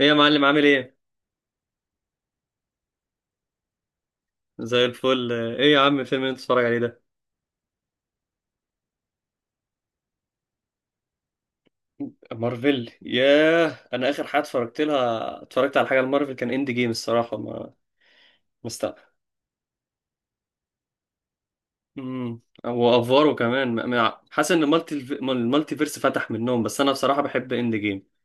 ايه يا معلم، عامل ايه؟ زي الفل. ايه يا عم الفيلم اللي انت بتتفرج عليه ده؟ مارفل، ياه. انا اخر حاجه اتفرجت على حاجه لمارفل، كان اند جيم الصراحه. ما... مستقبل. وافواره كمان، حاسس ان المالتي فيرس فتح منهم، بس انا بصراحه بحب اند جيم.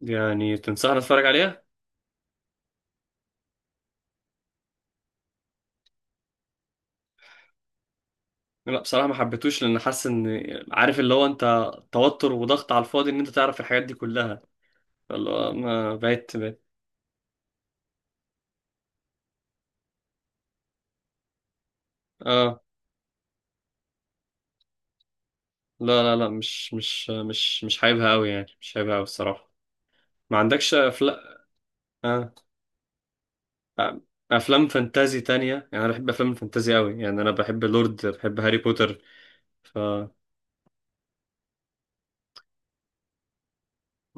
يعني تنصحني اتفرج عليها؟ لا بصراحه ما حبيتوش، لان حاسس ان... عارف اللي هو انت توتر وضغط على الفاضي ان انت تعرف الحاجات دي كلها، فاللي هو ما اه. لا لا لا، مش حاببها قوي، يعني مش حاببها قوي الصراحه. ما عندكش افلام؟ آه. آه، افلام فانتازي تانية، يعني انا بحب افلام الفانتازي قوي، يعني انا بحب لورد، بحب هاري بوتر. ف...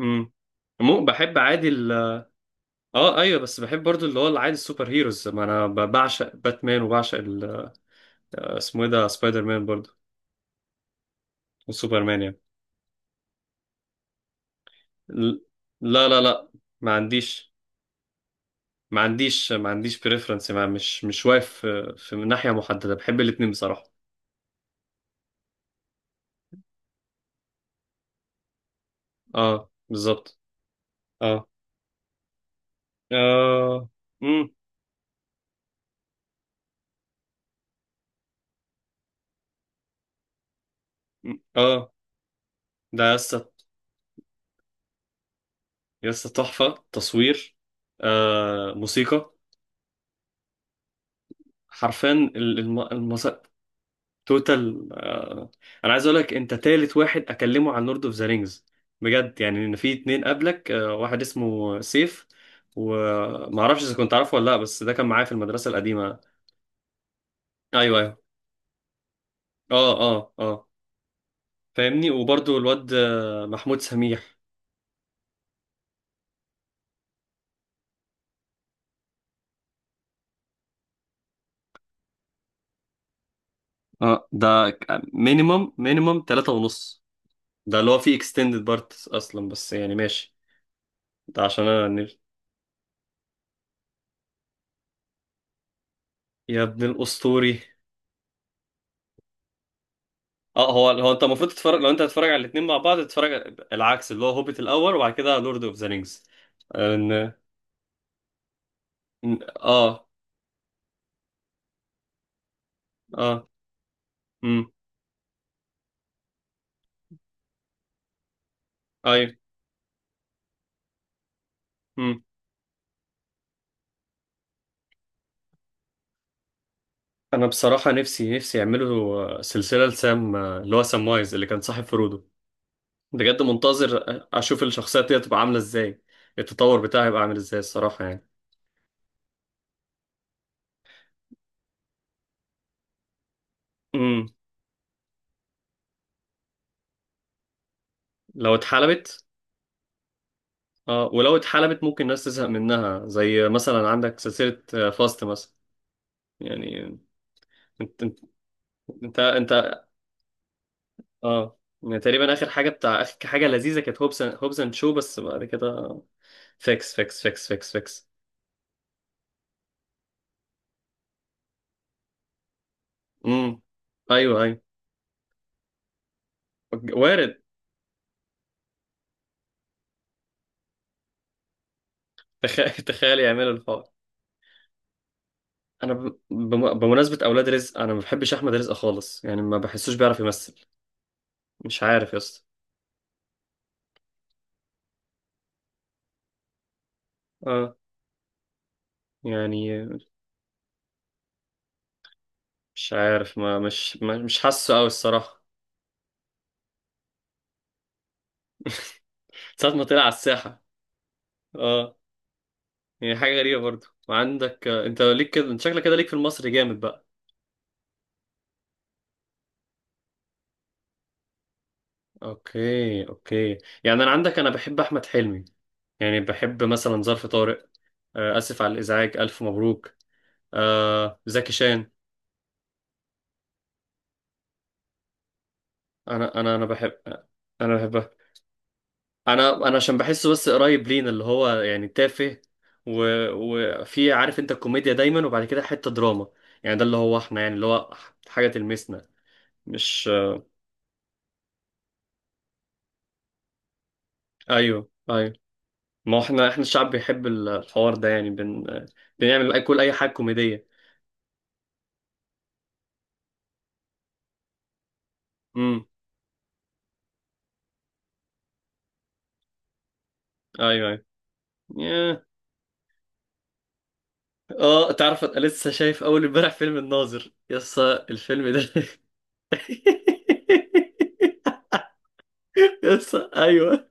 امم، مو بحب عادي ال... اه ايوه، بس بحب برضو اللي هو العادي السوبر هيروز، ما انا بعشق باتمان وبعشق ال... اسمه ايه ده؟ سبايدر مان برضو، وسوبرمان يعني، ال... لا لا لا، ما عنديش ما عنديش بريفرنس، ما مش واقف في ناحية محددة، بحب الاتنين بصراحة. اه بالظبط. اه. اه. امم. اه. ده يسطا، يسطا تحفة تصوير، آه موسيقى. حرفيا ال... الم... المس... توتال. آه. انا عايز اقول لك انت تالت واحد اكلمه عن لورد اوف ذا رينجز، بجد. يعني ان في اتنين قبلك، واحد اسمه سيف، وما اعرفش اذا كنت عارفه ولا لا، بس ده كان معايا في المدرسة القديمة. ايوه ايوه، اه اه اه، فاهمني. وبرضو الواد محمود سميح. اه، ده مينيمم مينيمم تلاتة ونص، ده اللي هو فيه اكستندد بارت اصلا، بس يعني ماشي، ده عشان انا يا ابن الاسطوري. اه، هو انت المفروض تتفرج، لو انت هتتفرج على الاتنين مع بعض تتفرج العكس، اللي هو هوبيت الاول وبعد كده لورد اوف ذا رينجز. ان اه. اه، امم، ايوه، امم. انا بصراحة نفسي نفسي يعملوا سلسلة لسام، اللي هو سام وايز اللي كان صاحب فرودو، بجد منتظر اشوف الشخصية دي تبقى عاملة ازاي، التطور بتاعها هيبقى عامل ازاي الصراحة. يعني لو اتحلبت، اه ولو اتحلبت ممكن الناس تزهق منها، زي مثلا عندك سلسلة فاست مثلا يعني. انت، انت. اه، يعني تقريبا اخر حاجة، بتاع اخر حاجة لذيذة، كانت هوبس اند شو، بس بعد كده فيكس فيكس فيكس فيكس فيكس. امم، ايوه ايوه، وارد. تخيل تخيل يعملوا الحوار. انا بمناسبة اولاد رزق، انا ما بحبش احمد رزق خالص، يعني ما بحسوش بيعرف يمثل، مش عارف يا اسطى. اه، يعني مش عارف، ما مش حاسه قوي الصراحة. ساعة ما طلع على الساحة، اه، يعني حاجة غريبة برضو. وعندك، انت ليك كده، انت شكلك كده ليك في المصري جامد بقى. اوكي اوكي، يعني انا عندك انا بحب احمد حلمي، يعني بحب مثلا ظرف طارق، اسف على الازعاج، الف مبروك، زكي شان. انا انا بحب، انا بحبها. انا عشان بحسه بس قريب لينا، اللي هو يعني تافه. و... وفي، عارف انت الكوميديا دايما وبعد كده حتة دراما، يعني ده اللي هو احنا يعني اللي هو حاجة تلمسنا، مش. ايوه ايوه. ما هو احنا الشعب بيحب ال... الحوار ده، يعني بن... بنعمل اي، كل اي حاجه كوميديه. امم، ايوه ايوه، ياه. اه تعرف، انا لسه شايف اول امبارح فيلم الناظر، يس الفيلم ده يس ايوه.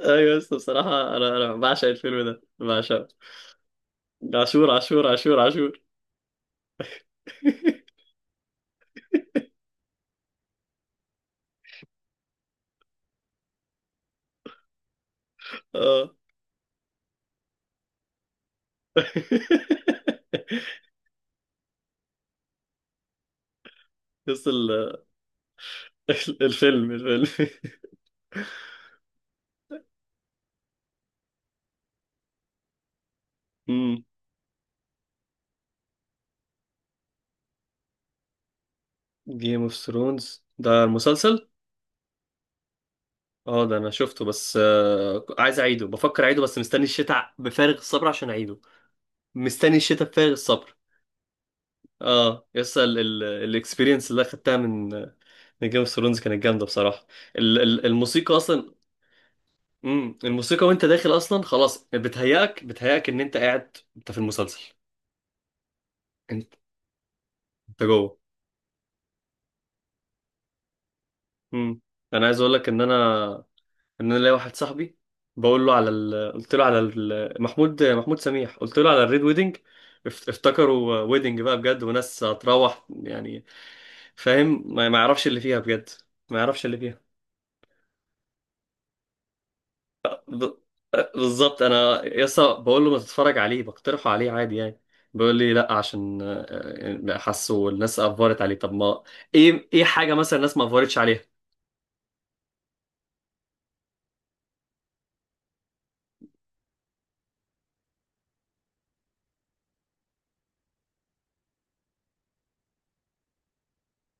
ايوه يس، بصراحه انا بعشق الفيلم ده بعشقه. عاشور عاشور عاشور عاشور اه يس الفيلم امم. جيم اوف ثرونز ده المسلسل. اه ده انا شفته، بس عايز اعيده، بفكر اعيده، بس مستني الشتاء بفارغ الصبر عشان اعيده، مستني الشتاء بفارغ الصبر. اه يس، الاكسبيرينس اللي اخدتها من... من جيم اوف ثرونز كانت جامده بصراحه. الموسيقى اصلا، الموسيقى، وانت داخل اصلا خلاص بتهيأك بتهيأك ان انت قاعد انت في المسلسل. انت، انت جوه. امم. انا عايز اقول لك ان انا، ان انا ليا واحد صاحبي بقول له على ال... قلت له على ال... محمود سميح، قلت له على الريد ويدنج، افتكروا ويدنج بقى بجد وناس هتروح يعني، فاهم، ما يعرفش اللي فيها بجد، ما يعرفش اللي فيها. ب... بالظبط، انا يسا بقول له ما تتفرج عليه، بقترحه عليه عادي يعني، بيقول لي لا عشان حاسه الناس افورت عليه. طب ما ايه ايه حاجه مثلا الناس ما افورتش عليها؟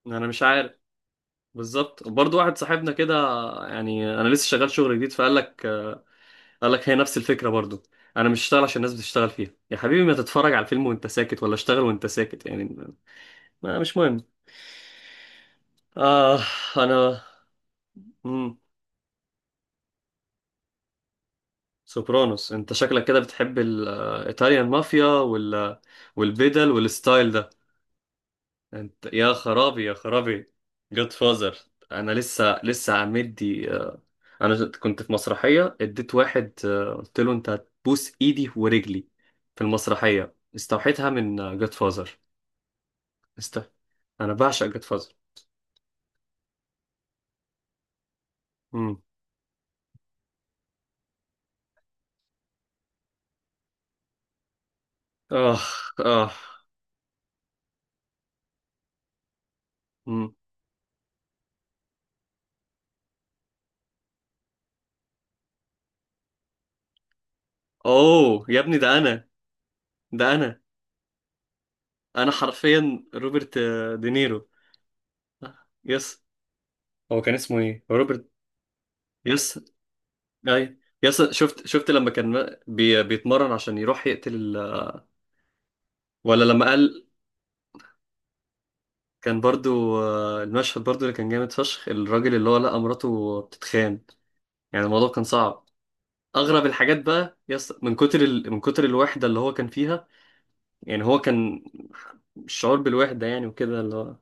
انا مش عارف. بالظبط. برضو واحد صاحبنا كده، يعني انا لسه شغال شغل جديد، فقال لك، قال لك هي نفس الفكرة برضو، انا مش هشتغل عشان الناس بتشتغل فيها، يا حبيبي ما تتفرج على الفيلم وانت ساكت ولا اشتغل وانت ساكت يعني، ما مش مهم. آه. أنا، مم. سوبرانوس، أنت شكلك كده بتحب الإيطاليان مافيا وال... والبدل والستايل ده. انت يا خرابي يا خرابي، جود فازر. انا لسه مدي، انا كنت في مسرحيه اديت واحد، قلت له انت هتبوس ايدي ورجلي، في المسرحيه استوحيتها من جود فازر. است... انا بعشق جود فازر. امم، اه اه، امم. اوه يا ابني، ده انا ده انا انا حرفيا روبرت، دينيرو. آه، يس. هو كان اسمه ايه روبرت. يس. اي. يس، شفت لما كان بيتمرن عشان يروح يقتل ال... ولا لما قال، كان برضو، المشهد برضو اللي كان جامد فشخ، الراجل اللي هو لقى مراته بتتخان، يعني الموضوع كان صعب. اغرب الحاجات بقى يس، من كتر ال... من كتر الوحده اللي هو كان فيها، يعني هو كان الشعور بالوحده، يعني وكده اللي هو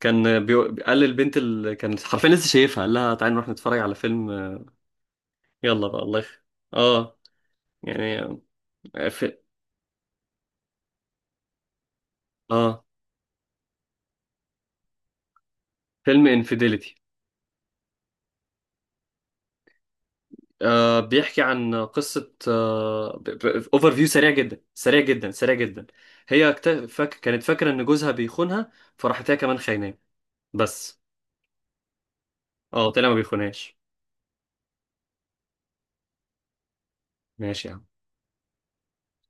كان بي... قال للبنت اللي كانت حرفيا لسه شايفها، قال لها تعالي نروح نتفرج على فيلم، يلا بقى الله يخ... اه، يعني، في... اه، فيلم انفيديليتي، آه بيحكي عن قصة، اوفر فيو سريع جدا سريع جدا سريع جدا. هي فاك كانت فاكرة ان جوزها بيخونها، فراحت هي كمان خايناه بس. اه طلع ما بيخونهاش. ماشي يا عم.